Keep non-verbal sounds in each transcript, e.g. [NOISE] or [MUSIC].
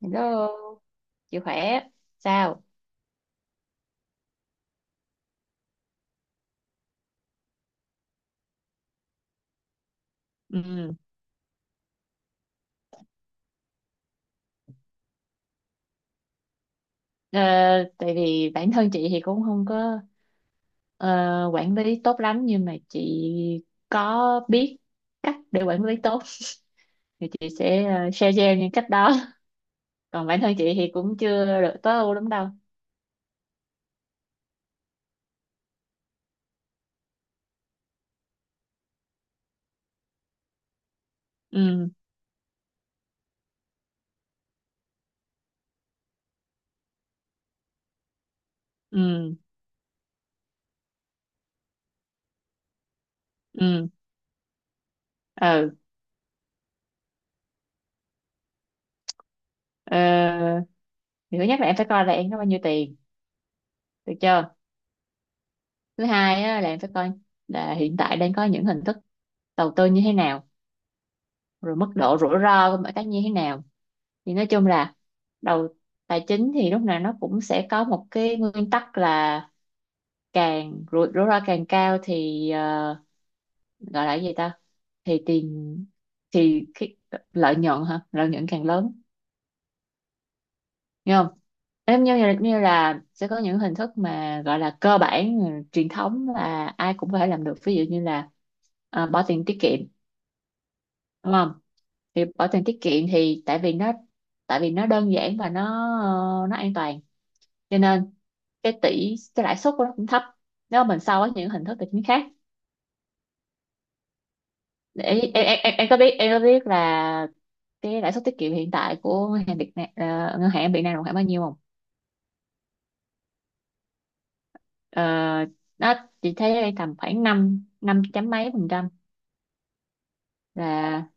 Hello, chị khỏe sao? Ừ. Ờ, Tại vì bản thân chị thì cũng không có ờ, quản lý tốt lắm, nhưng mà chị có biết cách để quản lý tốt thì chị sẽ share cho em những cách đó. [LAUGHS] Còn bản thân chị thì cũng chưa được tối ưu lắm đâu. Ừ, ừ, ừ, ừ. Ờ, thì thứ nhất là em phải coi là em có bao nhiêu tiền, được chưa? Thứ hai á, là em phải coi là hiện tại đang có những hình thức đầu tư như thế nào, rồi mức độ rủi ro của mọi cái như thế nào. Thì nói chung là đầu tài chính thì lúc nào nó cũng sẽ có một cái nguyên tắc là càng rủi rủi ro càng cao thì gọi là cái gì ta, thì tiền thì cái lợi nhuận, hả, lợi nhuận càng lớn, nghe không? Em như là sẽ có những hình thức mà gọi là cơ bản truyền thống là ai cũng có thể làm được, ví dụ như là bỏ tiền tiết kiệm, đúng không? Thì bỏ tiền tiết kiệm thì tại vì nó đơn giản và nó nó an toàn, cho nên cái tỷ cái lãi suất của nó cũng thấp nếu mà mình so với những hình thức tài chính khác. Để em có biết, em có biết là cái lãi suất tiết kiệm hiện tại của ngân hàng Việt Nam, ngân hàng Việt Nam là khoảng bao nhiêu không? Ờ, nó chị thấy đây tầm khoảng năm năm chấm mấy phần trăm là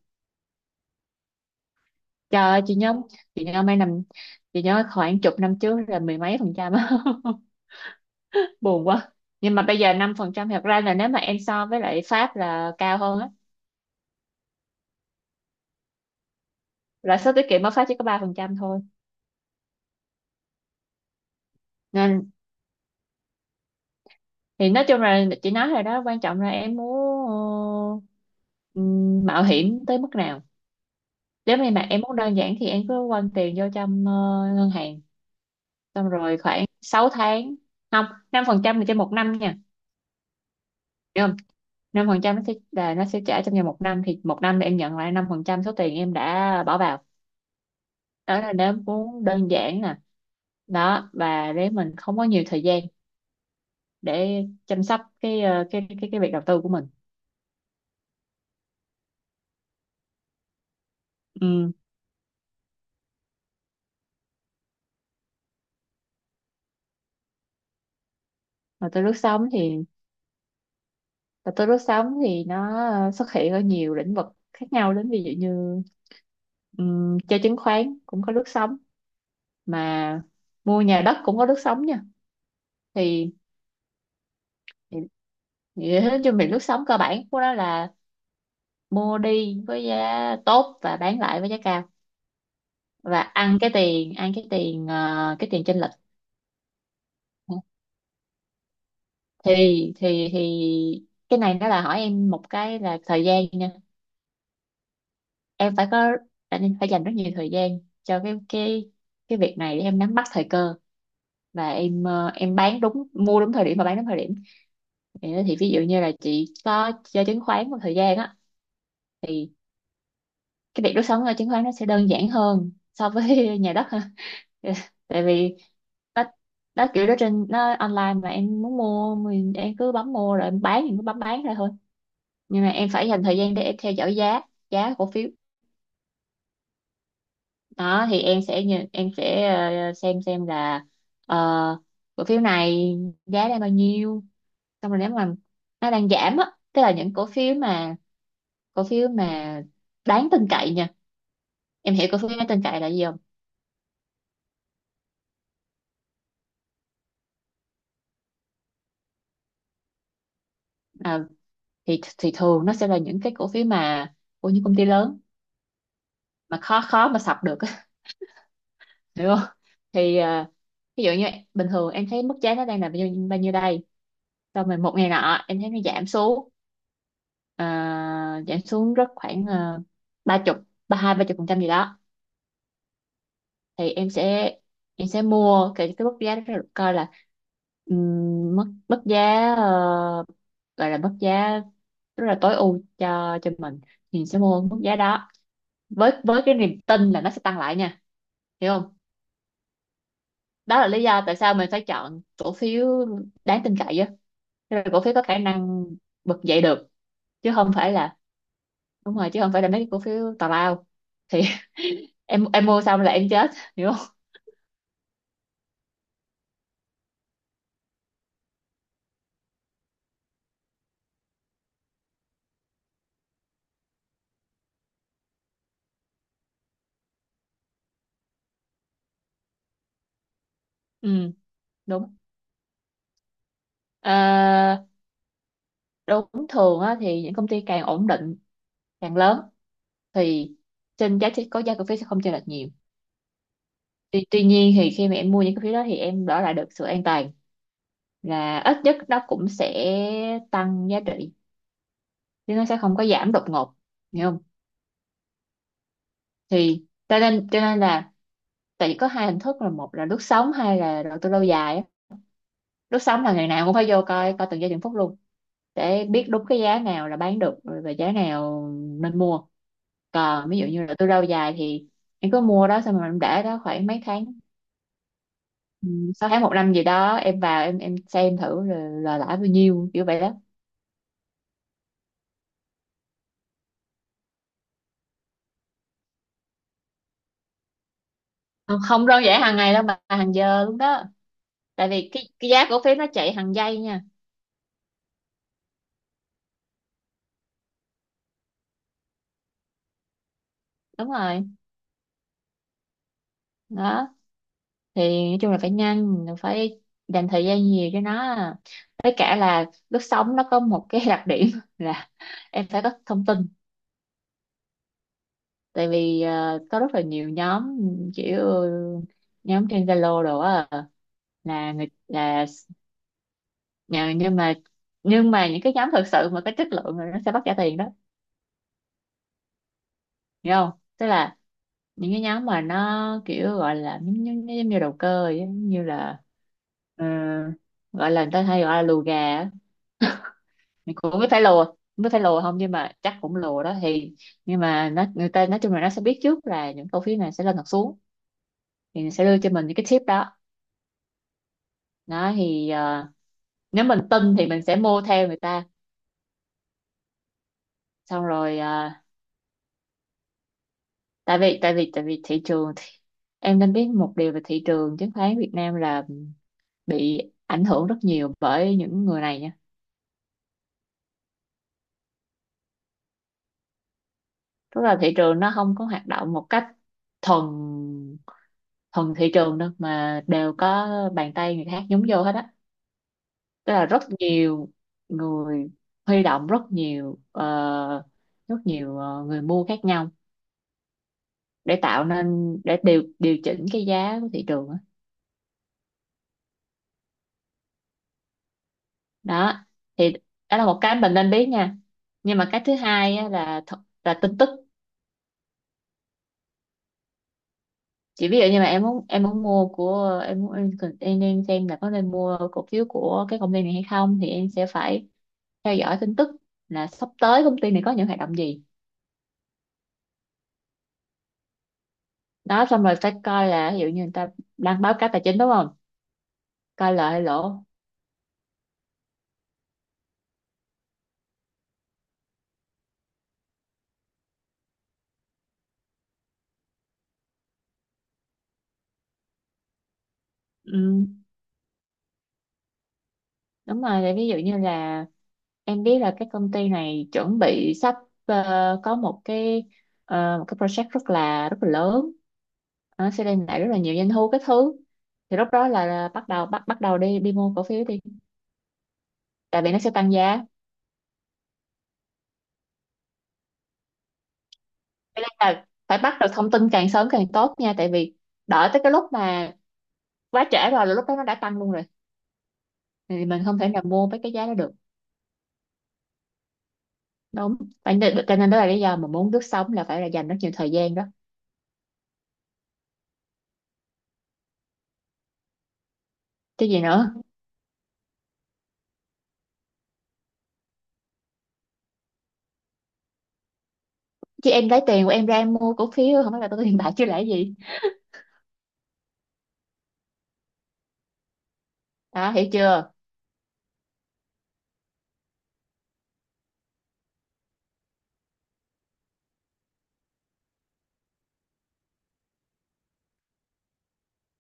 trời ơi, chị nhớ mấy năm chị nhớ khoảng chục năm trước là mười mấy phần trăm á. [LAUGHS] Buồn quá, nhưng mà bây giờ năm phần trăm thật ra là nếu mà em so với lại Pháp là cao hơn á, lãi suất tiết kiệm ở Pháp chỉ có ba phần trăm thôi nên. Thì nói chung là chị nói rồi đó, quan trọng là em muốn mạo hiểm tới mức nào. Nếu như mà em muốn đơn giản thì em cứ quăng tiền vô trong ngân hàng, xong rồi khoảng 6 tháng, không, 5% là trên một năm nha, hiểu không? Năm phần trăm nó sẽ là nó sẽ trả trong vòng một năm, thì một năm là em nhận lại 5% số tiền em đã bỏ vào. Đó là nếu muốn đơn giản nè, đó, và để mình không có nhiều thời gian để chăm sóc cái cái việc đầu tư của mình. Ừ. Và tới lướt sóng thì, và tôi lướt sóng thì nó xuất hiện ở nhiều lĩnh vực khác nhau đến, ví dụ như chơi chứng khoán cũng có lướt sóng, mà mua nhà đất cũng có lướt sóng nha. Thì thì- nói chung thì lướt sóng cơ bản của nó là mua đi với giá tốt và bán lại với giá cao và ăn cái tiền cái tiền chênh lệch. Thì thì thì cái này nó là hỏi em một cái là thời gian nha, em phải có, em phải dành rất nhiều thời gian cho cái việc này để em nắm bắt thời cơ và em ờ, em bán đúng mua đúng thời điểm và bán đúng thời điểm. Thì ví dụ như là chị có chơi chứng khoán một thời gian á, thì cái việc đốt sống ở chứng khoán nó sẽ đơn giản hơn so với [LAUGHS] nhà đất ha. [LAUGHS] Tại vì nó nó kiểu đó trên nó online, mà em muốn mua mình em cứ bấm mua, rồi em bán thì cứ bấm bán ra thôi, nhưng mà em phải dành thời gian để em theo dõi giá, giá cổ phiếu. Đó thì em sẽ xem là ờ, cổ phiếu này giá đang bao nhiêu, xong rồi nếu mà nó đang giảm á, tức là những cổ phiếu mà cổ phiếu mà đáng tin cậy nha. Em hiểu cổ phiếu đáng tin cậy là gì không? à, thì thường nó sẽ là những cái cổ phiếu mà của những công ty lớn mà khó khó mà sập được á, [LAUGHS] hiểu không? Thì ví dụ như bình thường em thấy mức giá nó đang là bao nhiêu đây, xong rồi một ngày nọ em thấy nó giảm xuống, ờ, giảm xuống rất khoảng ba chục, ba chục phần trăm gì đó. Thì em sẽ mua cái mức giá đó rồi coi là mức mức giá gọi là mức giá rất là tối ưu cho mình, thì mình sẽ mua mức giá đó với cái niềm tin là nó sẽ tăng lại nha, hiểu không? Đó là lý do tại sao mình phải chọn cổ phiếu đáng tin cậy á, tức là cổ phiếu có khả năng bật dậy được, chứ không phải là, đúng rồi, chứ không phải là mấy cái cổ phiếu tào lao. Thì [LAUGHS] em mua xong là em chết, hiểu không? Ừ, đúng. Ờ, Đúng, thường á, thì những công ty càng ổn định càng lớn thì trên giá trị có giá cổ phiếu sẽ không chênh lệch nhiều. Tuy nhiên thì khi mà em mua những cổ phiếu đó thì em đổi lại được sự an toàn là ít nhất nó cũng sẽ tăng giá trị, chứ nó sẽ không có giảm đột ngột, hiểu không? Thì cho nên là tại vì có hai hình thức là một là lướt sóng, hai là đầu tư lâu dài á. Lướt sóng là ngày nào cũng phải vô coi, coi từng giây từng phút luôn để biết đúng cái giá nào là bán được và giá nào nên mua. Còn ví dụ như là tôi rau dài thì em cứ mua đó, xong rồi em để đó khoảng mấy tháng, ừ, sáu tháng một năm gì đó, em vào em xem thử là lãi bao nhiêu kiểu vậy đó. Không, không đơn giản hàng ngày đâu mà hàng giờ luôn đó, tại vì cái giá cổ phiếu nó chạy hàng giây nha. Đúng rồi. Đó thì nói chung là phải nhanh, phải dành thời gian nhiều cho nó, với cả là lướt sóng nó có một cái [LAUGHS] đặc điểm là em phải có thông tin, tại vì có rất là nhiều nhóm, kiểu nhóm trên Zalo đồ á, là người là nhưng mà những cái nhóm thực sự mà có chất lượng rồi nó sẽ bắt trả tiền đó, hiểu không? Tức là những cái nhóm mà nó kiểu gọi là giống như đầu cơ vậy á, như là ờ, gọi là người ta hay gọi là lùa gà á. Mình cũng không biết phải lùa không, biết phải lùa không, nhưng mà chắc cũng lùa đó. Thì nhưng mà nó người ta nói chung là nó sẽ biết trước là những cổ phiếu này sẽ lên hoặc xuống, thì sẽ đưa cho mình những cái tip đó. Đó thì nếu mình tin thì mình sẽ mua theo người ta, xong rồi tại vì thị trường thì em nên biết một điều về thị trường chứng khoán Việt Nam là bị ảnh hưởng rất nhiều bởi những người này nha. Tức là thị trường nó không có hoạt động một cách thuần thuần thị trường đâu, mà đều có bàn tay người khác nhúng vô hết á. Tức là rất nhiều người huy động rất nhiều người mua khác nhau để tạo nên để điều điều chỉnh cái giá của thị trường á. Đó thì đó là một cái mình nên biết nha. Nhưng mà cái thứ hai á, là là tin tức. Chỉ ví dụ như mà em muốn mua của em muốn em, em nên xem là có nên mua cổ phiếu của cái công ty này hay không thì em sẽ phải theo dõi tin tức là sắp tới công ty này có những hoạt động gì. Đó xong rồi phải coi là ví dụ như người ta đang báo cáo tài chính, đúng không, coi lợi hay lỗ. ừ, Đúng rồi, thì ví dụ như là em biết là cái công ty này chuẩn bị sắp ờ, có một cái ờ, một cái project rất là lớn, nó sẽ đem lại rất là nhiều doanh thu cái thứ. Thì lúc đó là bắt đầu bắt bắt đầu đi đi mua cổ phiếu đi, tại vì nó sẽ tăng giá. Cho nên là phải bắt được thông tin càng sớm càng tốt nha, tại vì đợi tới cái lúc mà quá trễ rồi là lúc đó nó đã tăng luôn rồi, thì mình không thể nào mua với cái giá đó được. Đúng, phải, cho nên đó là lý do mà muốn lướt sóng là phải là dành rất nhiều thời gian đó. Chứ gì nữa, chứ em lấy tiền của em ra em mua cổ phiếu không phải là tôi [LAUGHS] có tiền bạc chứ lẽ gì. Đó, hiểu chưa?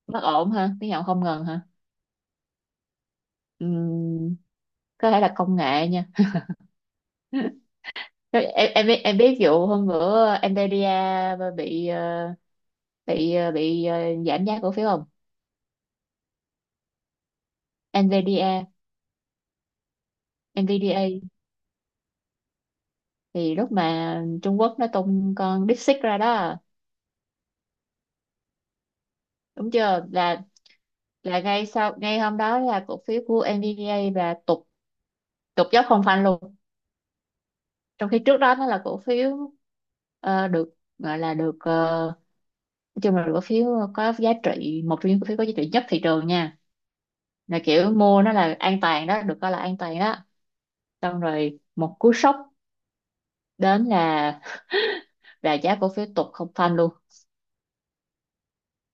Bất ổn ha, tiếng Nhật không ngần ha. Ừm, có thể là công nghệ nha. [LAUGHS] Em biết, vụ hôm bữa Nvidia bị bị giảm giá cổ phiếu không? Nvidia, Nvidia. Thì lúc mà Trung Quốc nó tung con DeepSeek ra đó, đúng chưa, là là ngay sau ngay hôm đó là cổ phiếu của Nvidia là tụt tụt dốc không phanh luôn. Trong khi trước đó nó là cổ phiếu ờ, được gọi là được ờ, nói chung là được cổ phiếu có giá trị, một trong những cổ phiếu có giá trị nhất thị trường nha, là kiểu mua nó là an toàn đó, được coi là an toàn đó. Xong rồi một cú sốc đến là giá cổ phiếu tụt không phanh luôn.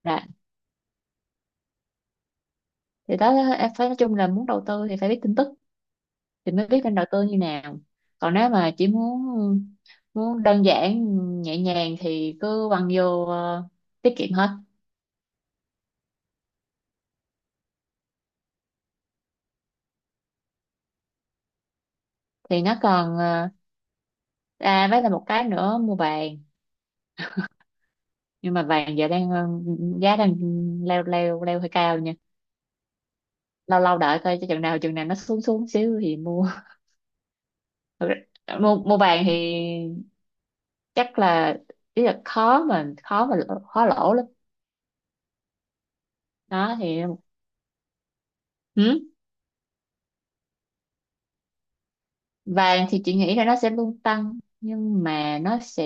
Đó. Thì đó, em phải nói chung là muốn đầu tư thì phải biết tin tức thì mới biết nên đầu tư như nào. Còn nếu mà chỉ muốn muốn đơn giản nhẹ nhàng thì cứ quăng vô tiết kiệm hết. Thì nó còn với là một cái nữa, mua vàng. Nhưng mà vàng giờ đang giá đang leo leo leo hơi cao nha. Lâu lâu đợi coi cho chừng nào nó xuống xuống xíu thì mua. [LAUGHS] Thật ra, mua mua vàng thì chắc là ý là khó lỗ lắm. Đó thì ừ, vàng thì chị nghĩ là nó sẽ luôn tăng, nhưng mà nó sẽ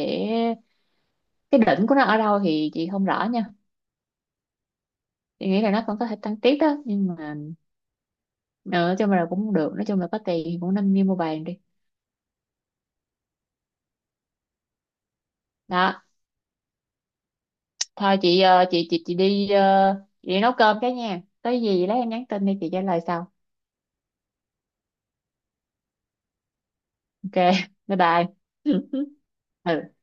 cái đỉnh của nó ở đâu thì chị không rõ nha. Chị nghĩ là nó còn có thể tăng tiếp đó, nhưng mà nói chung là có tiền thì cũng nên đi mua vàng đi. Đó thôi, chị chị đi chị đi nấu cơm cái nha, có gì lấy em nhắn tin đi chị trả lời sau. Ok, [LAUGHS] bye bye. [LAUGHS] Ừ.